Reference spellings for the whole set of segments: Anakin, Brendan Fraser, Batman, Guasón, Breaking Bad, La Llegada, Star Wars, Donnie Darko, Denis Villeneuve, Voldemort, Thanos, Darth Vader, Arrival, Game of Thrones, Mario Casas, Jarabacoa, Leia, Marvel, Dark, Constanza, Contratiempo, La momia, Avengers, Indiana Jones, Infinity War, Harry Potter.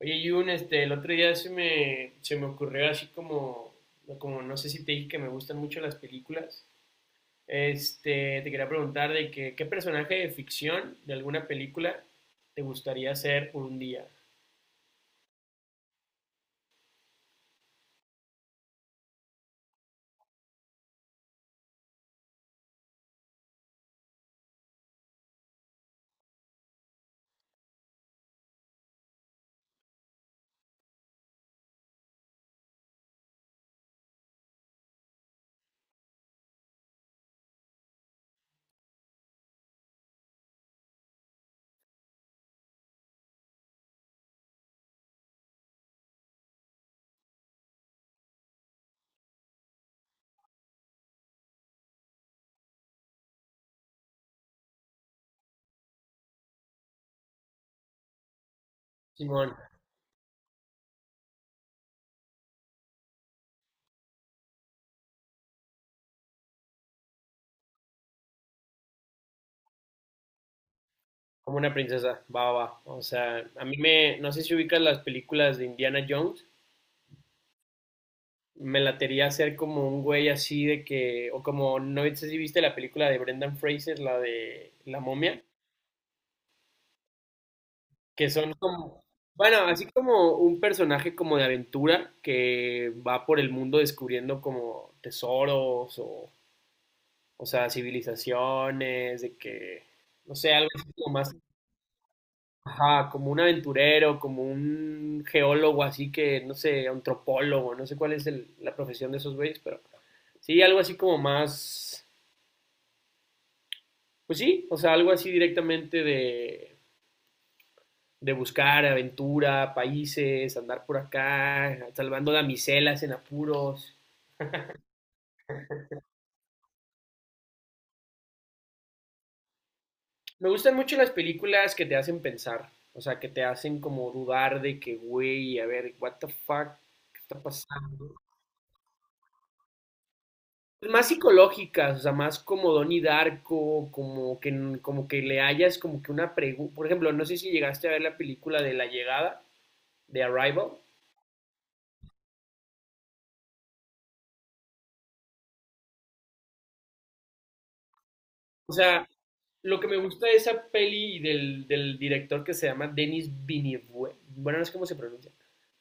Oye, Jun, el otro día se me ocurrió así como, como no sé si te dije que me gustan mucho las películas. Te quería preguntar de que, qué personaje de ficción de alguna película te gustaría ser por un día. Simón, como una princesa, va, va, va. O sea, a mí me, no sé si ubicas las películas de Indiana Jones, me latería hacer como un güey así de que, o como, no sé si viste la película de Brendan Fraser, la de La momia. Que son como, bueno, así como un personaje como de aventura que va por el mundo descubriendo como tesoros o sea, civilizaciones, de que, no sé, algo así como más, ajá, como un aventurero, como un geólogo así que, no sé, antropólogo, no sé cuál es la profesión de esos güeyes, pero sí, algo así como más, pues sí, o sea, algo así directamente de buscar aventura, países, andar por acá, salvando damiselas en apuros. Me gustan mucho las películas que te hacen pensar, o sea, que te hacen como dudar de que, güey, a ver, what the fuck, ¿qué está pasando? Más psicológicas, o sea, más como Donnie Darko, como que le hayas como que una pregunta. Por ejemplo, no sé si llegaste a ver la película de La Llegada, de Arrival. O sea, lo que me gusta de esa peli y del director que se llama Denis Villeneuve, bueno, no sé cómo se pronuncia,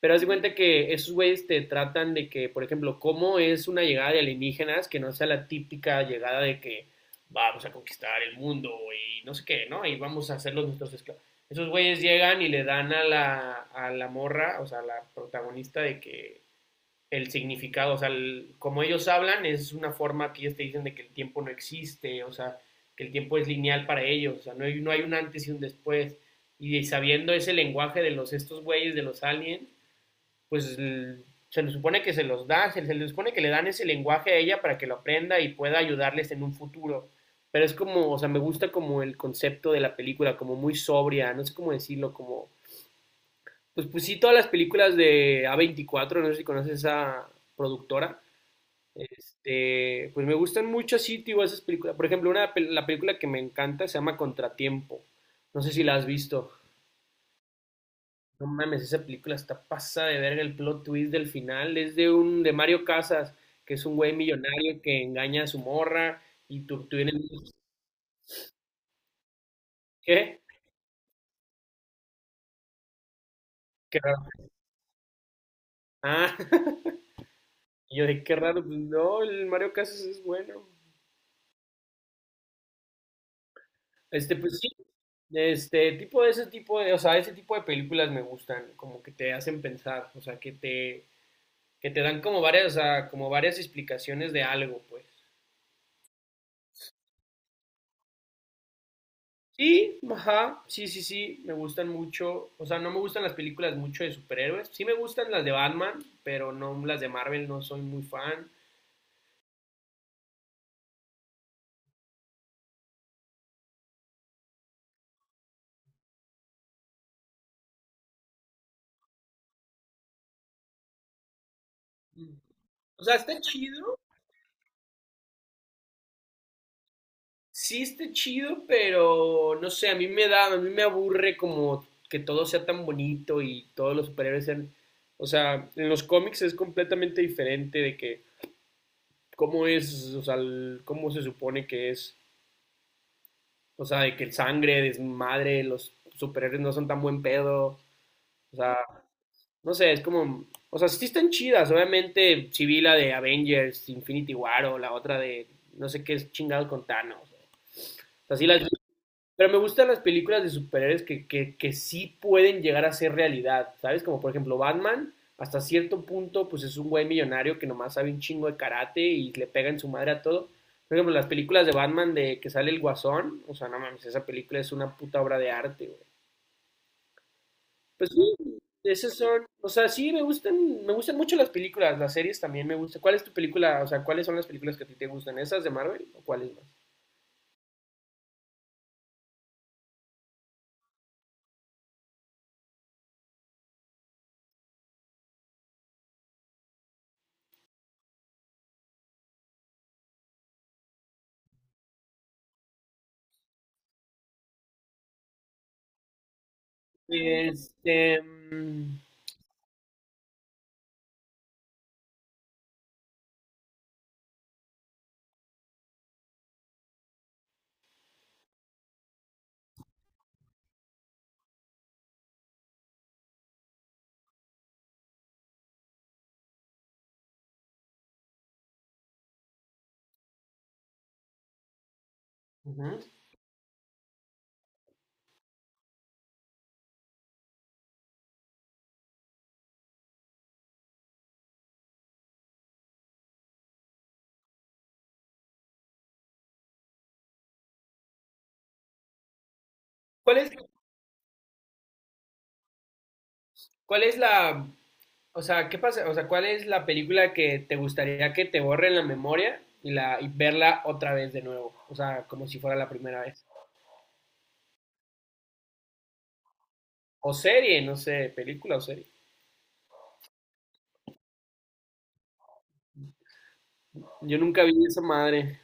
pero haz de cuenta que esos güeyes te tratan de que, por ejemplo, cómo es una llegada de alienígenas que no sea la típica llegada de que vamos a conquistar el mundo y no sé qué, ¿no? Y vamos a hacerlos nuestros esclavos. Esos güeyes llegan y le dan a la morra, o sea, a la protagonista de que el significado, o sea, como ellos hablan es una forma que ellos te dicen de que el tiempo no existe, o sea, que el tiempo es lineal para ellos, o sea, no hay un antes y un después. Y sabiendo ese lenguaje de los estos güeyes, de los aliens, pues l- se les supone que se los da, se le supone que le dan ese lenguaje a ella para que lo aprenda y pueda ayudarles en un futuro. Pero es como, o sea, me gusta como el concepto de la película, como muy sobria, no sé cómo decirlo, como... Pues, pues sí, todas las películas de A24, no sé si conoces a esa productora, pues me gustan mucho así, tío, esas películas. Por ejemplo, una, la película que me encanta se llama Contratiempo. No sé si la has visto. No mames, esa película está pasada de verga el plot twist del final. Es de un, de Mario Casas, que es un güey millonario que engaña a su morra y tú y dices, ¿qué? Qué raro. Ah, y yo de qué raro. Pues, no, el Mario Casas es bueno. Este, pues sí. Este tipo de ese tipo de, o sea, ese tipo de películas me gustan, como que te hacen pensar, o sea, que te dan como varias, o sea, como varias explicaciones de algo, pues. Sí, ajá, sí, sí, sí, me gustan mucho, o sea, no me gustan las películas mucho de superhéroes, sí me gustan las de Batman, pero no las de Marvel, no soy muy fan. O sea, está chido, sí está chido, pero no sé, a mí me da, a mí me aburre como que todo sea tan bonito y todos los superhéroes sean, o sea, en los cómics es completamente diferente de que cómo es, o sea, cómo se supone que es. O sea, de que el sangre, desmadre, los superhéroes no son tan buen pedo. O sea, no sé, es como. O sea, sí están chidas. Obviamente, sí vi la de Avengers, Infinity War o la otra de no sé qué es chingado con Thanos. O sea, sí las vi, pero me gustan las películas de superhéroes que sí pueden llegar a ser realidad, ¿sabes? Como por ejemplo Batman, hasta cierto punto, pues es un güey millonario que nomás sabe un chingo de karate y le pega en su madre a todo. Por ejemplo, las películas de Batman de que sale el Guasón, o sea, no mames, esa película es una puta obra de arte, güey. Pues sí, esas son, o sea, sí me gustan mucho las películas, las series también me gustan. ¿Cuál es tu película, o sea, cuáles son las películas que a ti te gustan? ¿Esas de Marvel o cuáles más? Este, mm, ujú. ¿Cuál es ¿Cuál es la, o sea, qué pasa, o sea, cuál es la película que te gustaría que te borren la memoria y la y verla otra vez de nuevo? O sea, como si fuera la primera vez. O serie, no sé, película o serie. Yo nunca vi esa madre.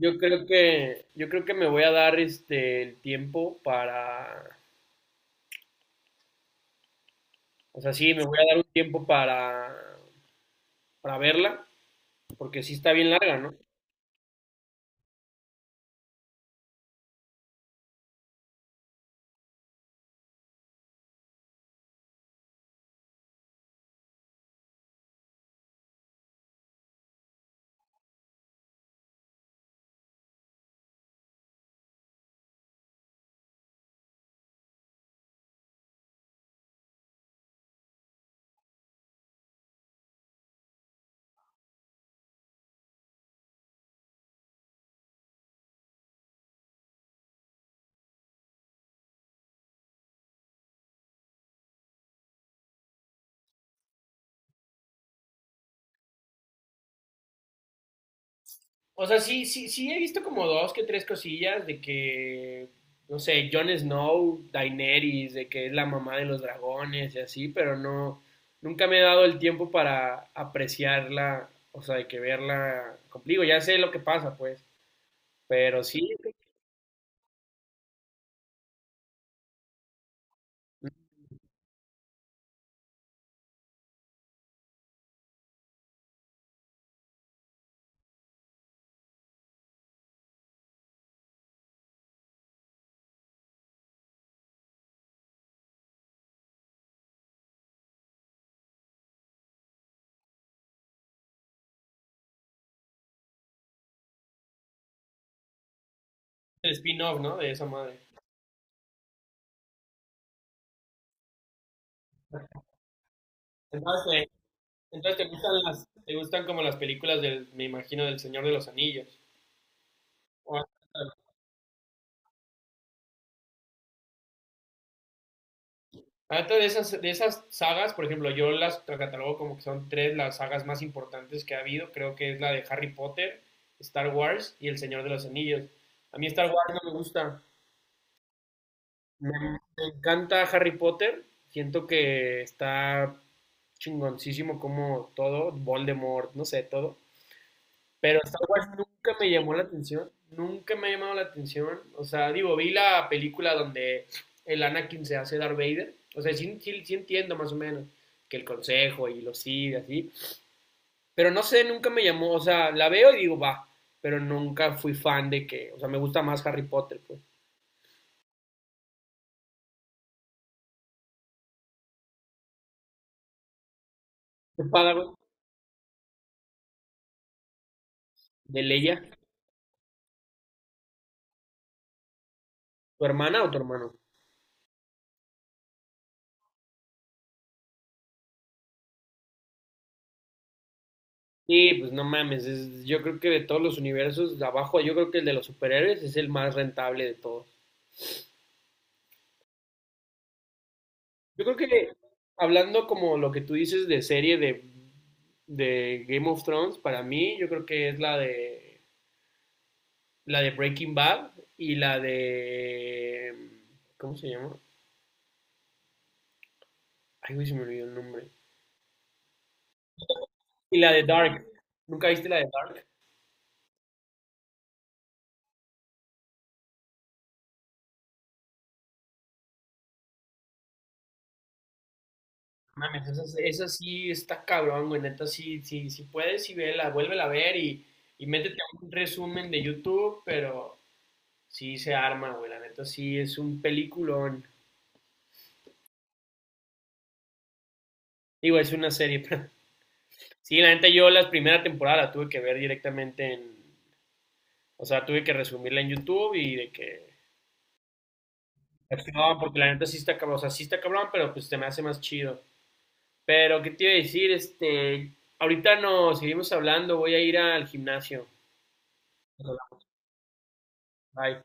Yo creo que me voy a dar el tiempo para, o sea, sí, me voy a dar un tiempo para verla, porque sí está bien larga, ¿no? O sea, sí, sí, sí he visto como dos que tres cosillas de que, no sé, Jon Snow, Daenerys, de que es la mamá de los dragones y así, pero no, nunca me he dado el tiempo para apreciarla, o sea, de que verla conmigo, ya sé lo que pasa, pues, pero sí, el spin-off, ¿no? De esa madre. Entonces, entonces te gustan las, te gustan como las películas del, me imagino, del Señor de los Anillos. Ahorita de esas sagas, por ejemplo, yo las catalogo como que son tres las sagas más importantes que ha habido. Creo que es la de Harry Potter, Star Wars y El Señor de los Anillos. A mí Star Wars no me gusta. Me, me encanta Harry Potter. Siento que está chingoncísimo como todo, Voldemort, no sé, todo. Pero Star Wars nunca me llamó la atención, nunca me ha llamado la atención. O sea, digo, vi la película donde el Anakin se hace Darth Vader. O sea, sí, sí, sí entiendo más o menos que el consejo y lo sigue así. Pero no sé, nunca me llamó. O sea, la veo y digo, va. Pero nunca fui fan de que. O sea, me gusta más Harry Potter, pues. ¿Tu padre de Leia? ¿Tu hermana o tu hermano? Sí, pues no mames. Es- yo creo que de todos los universos, de abajo, yo creo que el de los superhéroes es el más rentable de todos. Yo creo que hablando como lo que tú dices de serie de Game of Thrones, para mí yo creo que es la de Breaking Bad y la de ¿cómo se llama? Ay, güey, se me olvidó el nombre. Y la de Dark. ¿Nunca viste la de Dark? No mames, esa sí está cabrón, güey. Neta, sí, sí, sí puedes y vela, vuélvela a ver y métete a un resumen de YouTube, pero sí se arma, güey. La neta, sí es un peliculón. Digo, es una serie, pero sí, la neta yo la primera temporada la tuve que ver directamente en, o sea, tuve que resumirla en YouTube y de que, no, porque la neta sí está cabrón, o sea, sí está cabrón, pero pues se me hace más chido. Pero, ¿qué te iba a decir? Este, ahorita no, seguimos hablando, voy a ir al gimnasio. Bye.